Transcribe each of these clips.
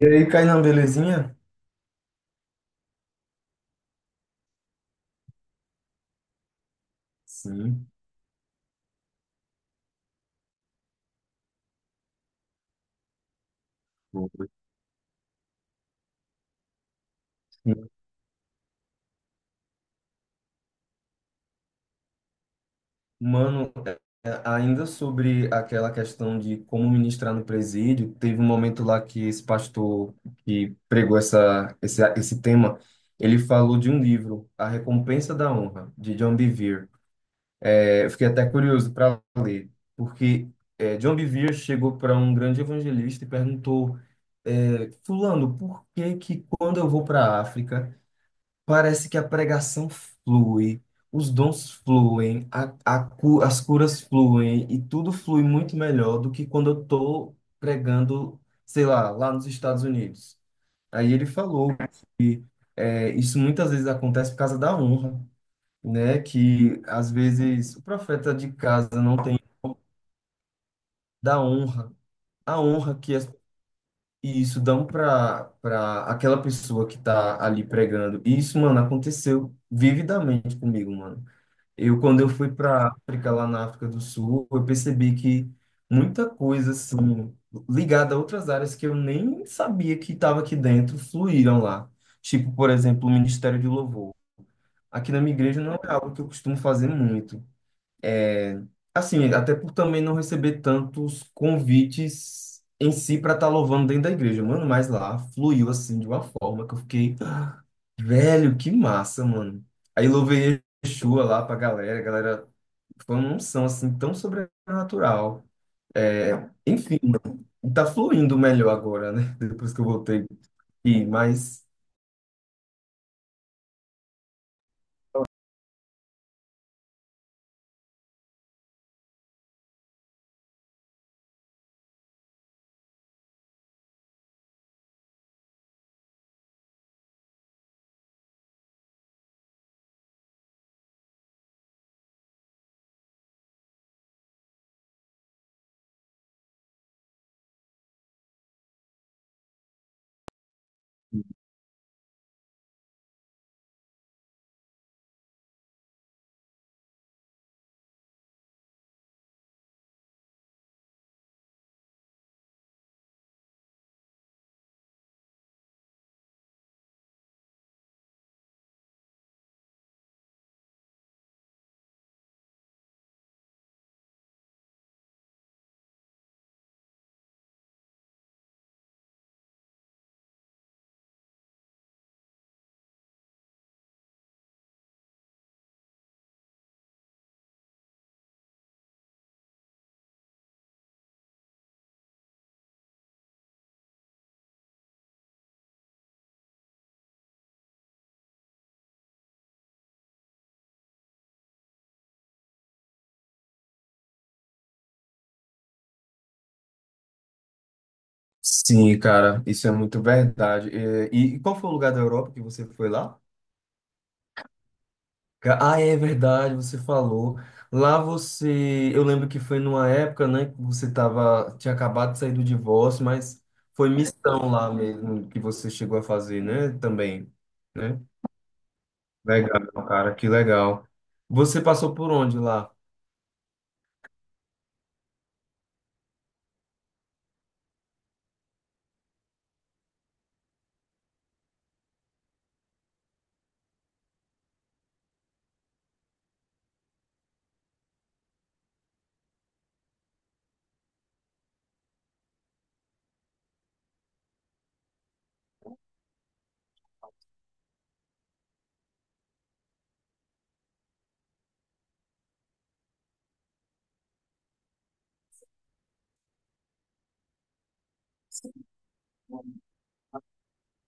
E aí, Kainan, belezinha? Sim. Boa. Mano, ainda sobre aquela questão de como ministrar no presídio, teve um momento lá que esse pastor que pregou esse tema, ele falou de um livro, A Recompensa da Honra, de John Bevere. Eu fiquei até curioso para ler, porque John Bevere chegou para um grande evangelista e perguntou, Fulano, por que que quando eu vou para a África, parece que a pregação flui, os dons fluem, as curas fluem e tudo flui muito melhor do que quando eu estou pregando, sei lá, lá nos Estados Unidos. Aí ele falou que isso muitas vezes acontece por causa da honra, né? Que às vezes o profeta de casa não tem da honra, a honra que as, e isso dão para aquela pessoa que está ali pregando. E isso, mano, aconteceu vividamente comigo, mano. Quando eu fui para África, lá na África do Sul, eu percebi que muita coisa, assim, ligada a outras áreas que eu nem sabia que estava aqui dentro, fluíram lá. Tipo, por exemplo, o Ministério de Louvor. Aqui na minha igreja não é algo que eu costumo fazer muito. É, Assim, até por também não receber tantos convites em si para estar louvando dentro da igreja, mano, mas lá fluiu assim de uma forma que eu fiquei, "Ah, velho, que massa, mano. Aí louvei Yeshua lá pra galera, a galera foi uma unção assim tão sobrenatural. Enfim, tá fluindo melhor agora, né? Depois que eu voltei. Mas sim, cara, isso é muito verdade. E qual foi o lugar da Europa que você foi lá? Ah, é verdade, você falou. Lá você, eu lembro que foi numa época, né, que você tava, tinha acabado de sair do divórcio, mas foi missão lá mesmo que você chegou a fazer, né, também, né? Legal, cara, que legal. Você passou por onde lá?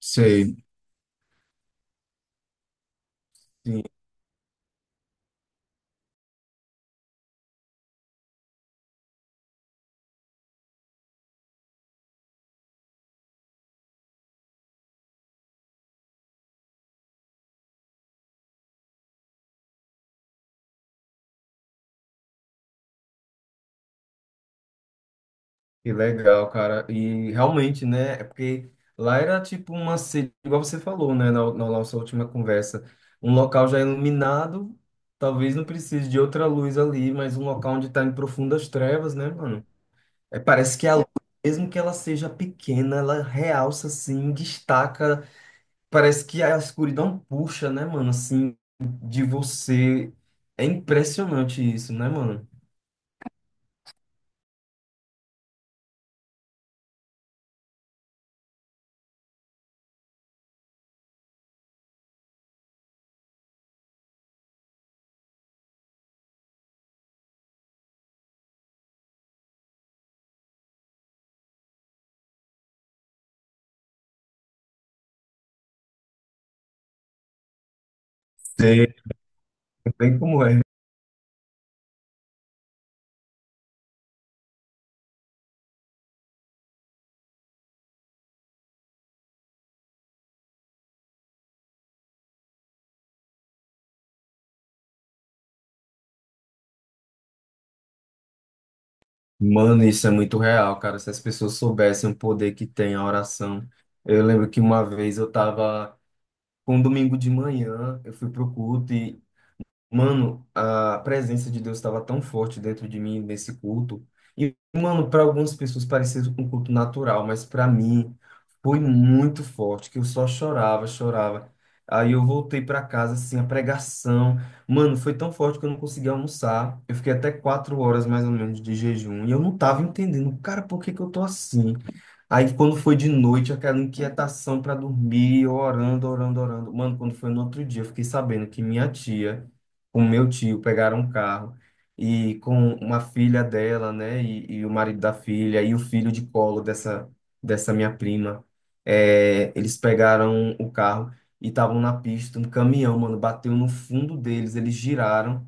Sei. Sim, que legal, cara. E realmente, né? É porque lá era tipo uma sede, igual você falou, né? Na, na nossa última conversa. Um local já iluminado, talvez não precise de outra luz ali, mas um local onde tá em profundas trevas, né, mano? É, parece que a luz, mesmo que ela seja pequena, ela realça, assim, destaca. Parece que a escuridão puxa, né, mano? Assim, de você. É impressionante isso, né, mano? Sei bem como é. Mano, isso é muito real, cara. Se as pessoas soubessem o poder que tem a oração. Eu lembro que uma vez eu tava com um domingo de manhã, eu fui pro culto. Mano, a presença de Deus estava tão forte dentro de mim nesse culto. E, mano, para algumas pessoas parecia um culto natural, mas para mim foi muito forte, que eu só chorava, chorava. Aí eu voltei para casa, assim, a pregação. Mano, foi tão forte que eu não conseguia almoçar. Eu fiquei até 4 horas mais ou menos de jejum. E eu não tava entendendo, cara, por que que eu tô assim? Aí quando foi de noite, aquela inquietação para dormir, eu orando, orando, orando. Mano, quando foi no outro dia, eu fiquei sabendo que minha tia com meu tio, pegaram um carro e com uma filha dela, né, e o marido da filha e o filho de colo dessa minha prima, é, eles pegaram o carro e estavam na pista, um caminhão, mano, bateu no fundo deles, eles giraram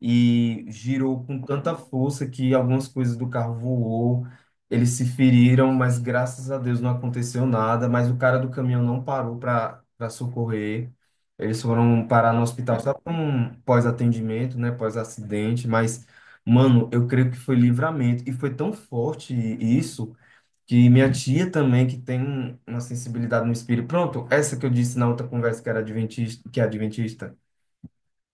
e girou com tanta força que algumas coisas do carro voou, eles se feriram, mas graças a Deus não aconteceu nada, mas o cara do caminhão não parou para socorrer. Eles foram parar no hospital só para um pós-atendimento, né, pós-acidente, mas mano, eu creio que foi livramento e foi tão forte isso que minha tia também que tem um- uma sensibilidade no espírito. Pronto, essa que eu disse na outra conversa que era adventista, que é adventista.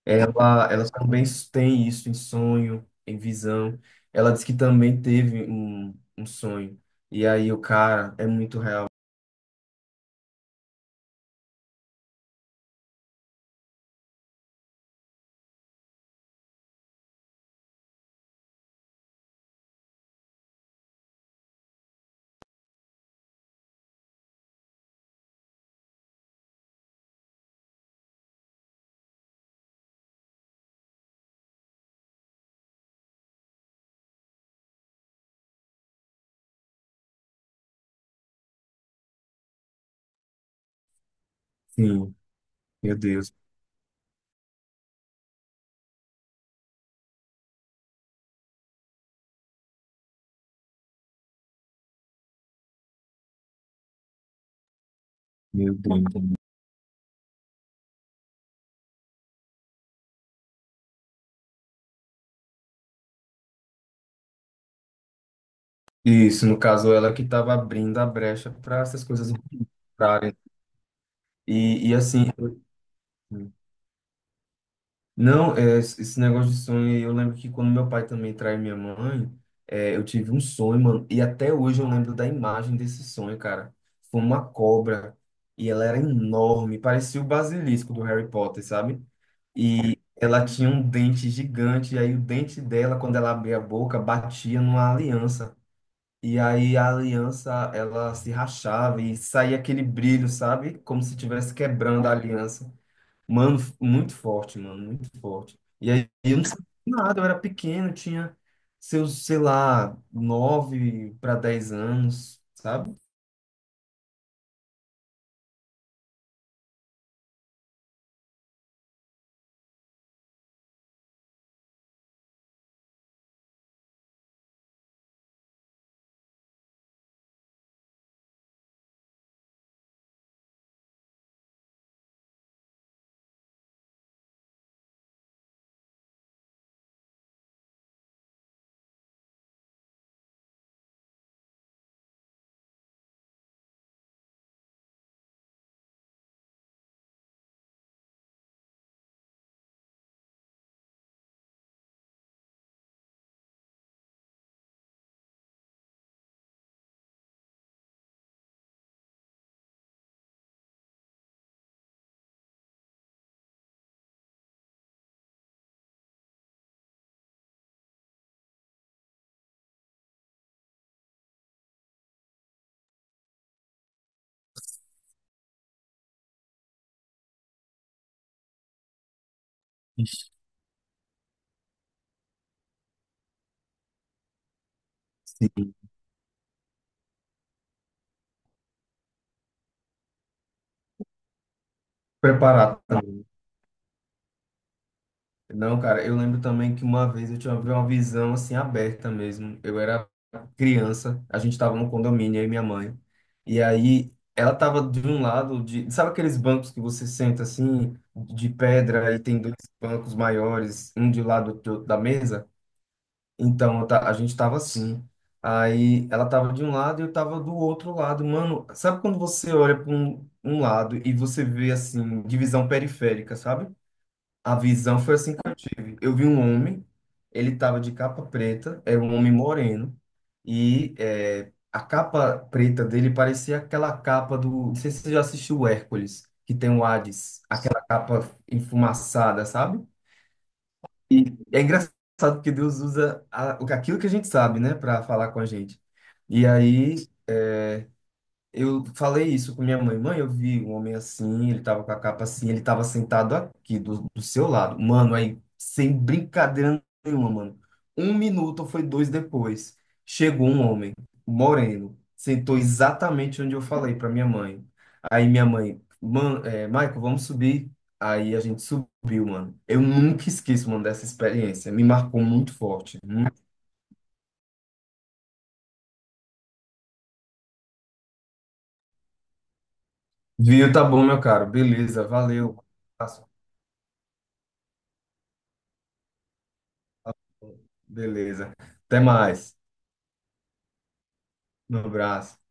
Ela também tem isso em sonho, em visão. Ela disse que também teve um, um sonho. E aí o cara é muito real. Sim, meu Deus, meu Deus. Isso, no caso, ela que estava abrindo a brecha para essas coisas entrarem. E assim, não, esse negócio de sonho, aí, eu lembro que quando meu pai também traiu minha mãe, é, eu tive um sonho, mano, e até hoje eu lembro da imagem desse sonho, cara. Foi uma cobra, e ela era enorme, parecia o basilisco do Harry Potter, sabe? E ela tinha um dente gigante, e aí o dente dela, quando ela abria a boca, batia numa aliança. E aí a aliança, ela se rachava e saía aquele brilho, sabe? Como se estivesse quebrando a aliança. Mano, muito forte, mano, muito forte. E aí eu não sabia nada, eu era pequeno, eu tinha seus, sei lá, 9 para 10 anos, sabe? Ixi. Sim. Preparado também. Não, cara, eu lembro também que uma vez eu tinha uma visão assim aberta mesmo. Eu era criança, a gente tava no condomínio, eu e minha mãe. E aí ela tava de um lado de, sabe aqueles bancos que você senta assim, de pedra e tem dois bancos maiores, um de lado do outro da mesa? Então, eu ta- a gente tava assim. Aí ela tava de um lado e eu tava do outro lado. Mano, sabe quando você olha para um lado e você vê assim, divisão periférica, sabe? A visão foi assim que eu tive. Eu vi um homem, ele tava de capa preta, era um homem moreno, e é, a capa preta dele parecia aquela capa do. Não sei se você já assistiu o Hércules, que tem o Hades, aquela capa enfumaçada, sabe? E é engraçado porque Deus usa aquilo que a gente sabe, né, para falar com a gente. E aí eu falei isso com minha mãe. Mãe, eu vi um homem assim, ele tava com a capa assim, ele tava sentado aqui do seu lado. Mano, aí, sem brincadeira nenhuma, mano. Um minuto ou foi dois depois, chegou um homem, moreno, sentou exatamente onde eu falei pra minha mãe. Aí minha mãe, mano, Michael, vamos subir. Aí a gente subiu, mano. Eu nunca esqueço, mano, dessa experiência. Me marcou muito forte. Viu? Tá bom, meu caro. Beleza, valeu. Beleza. Até mais. Um abraço.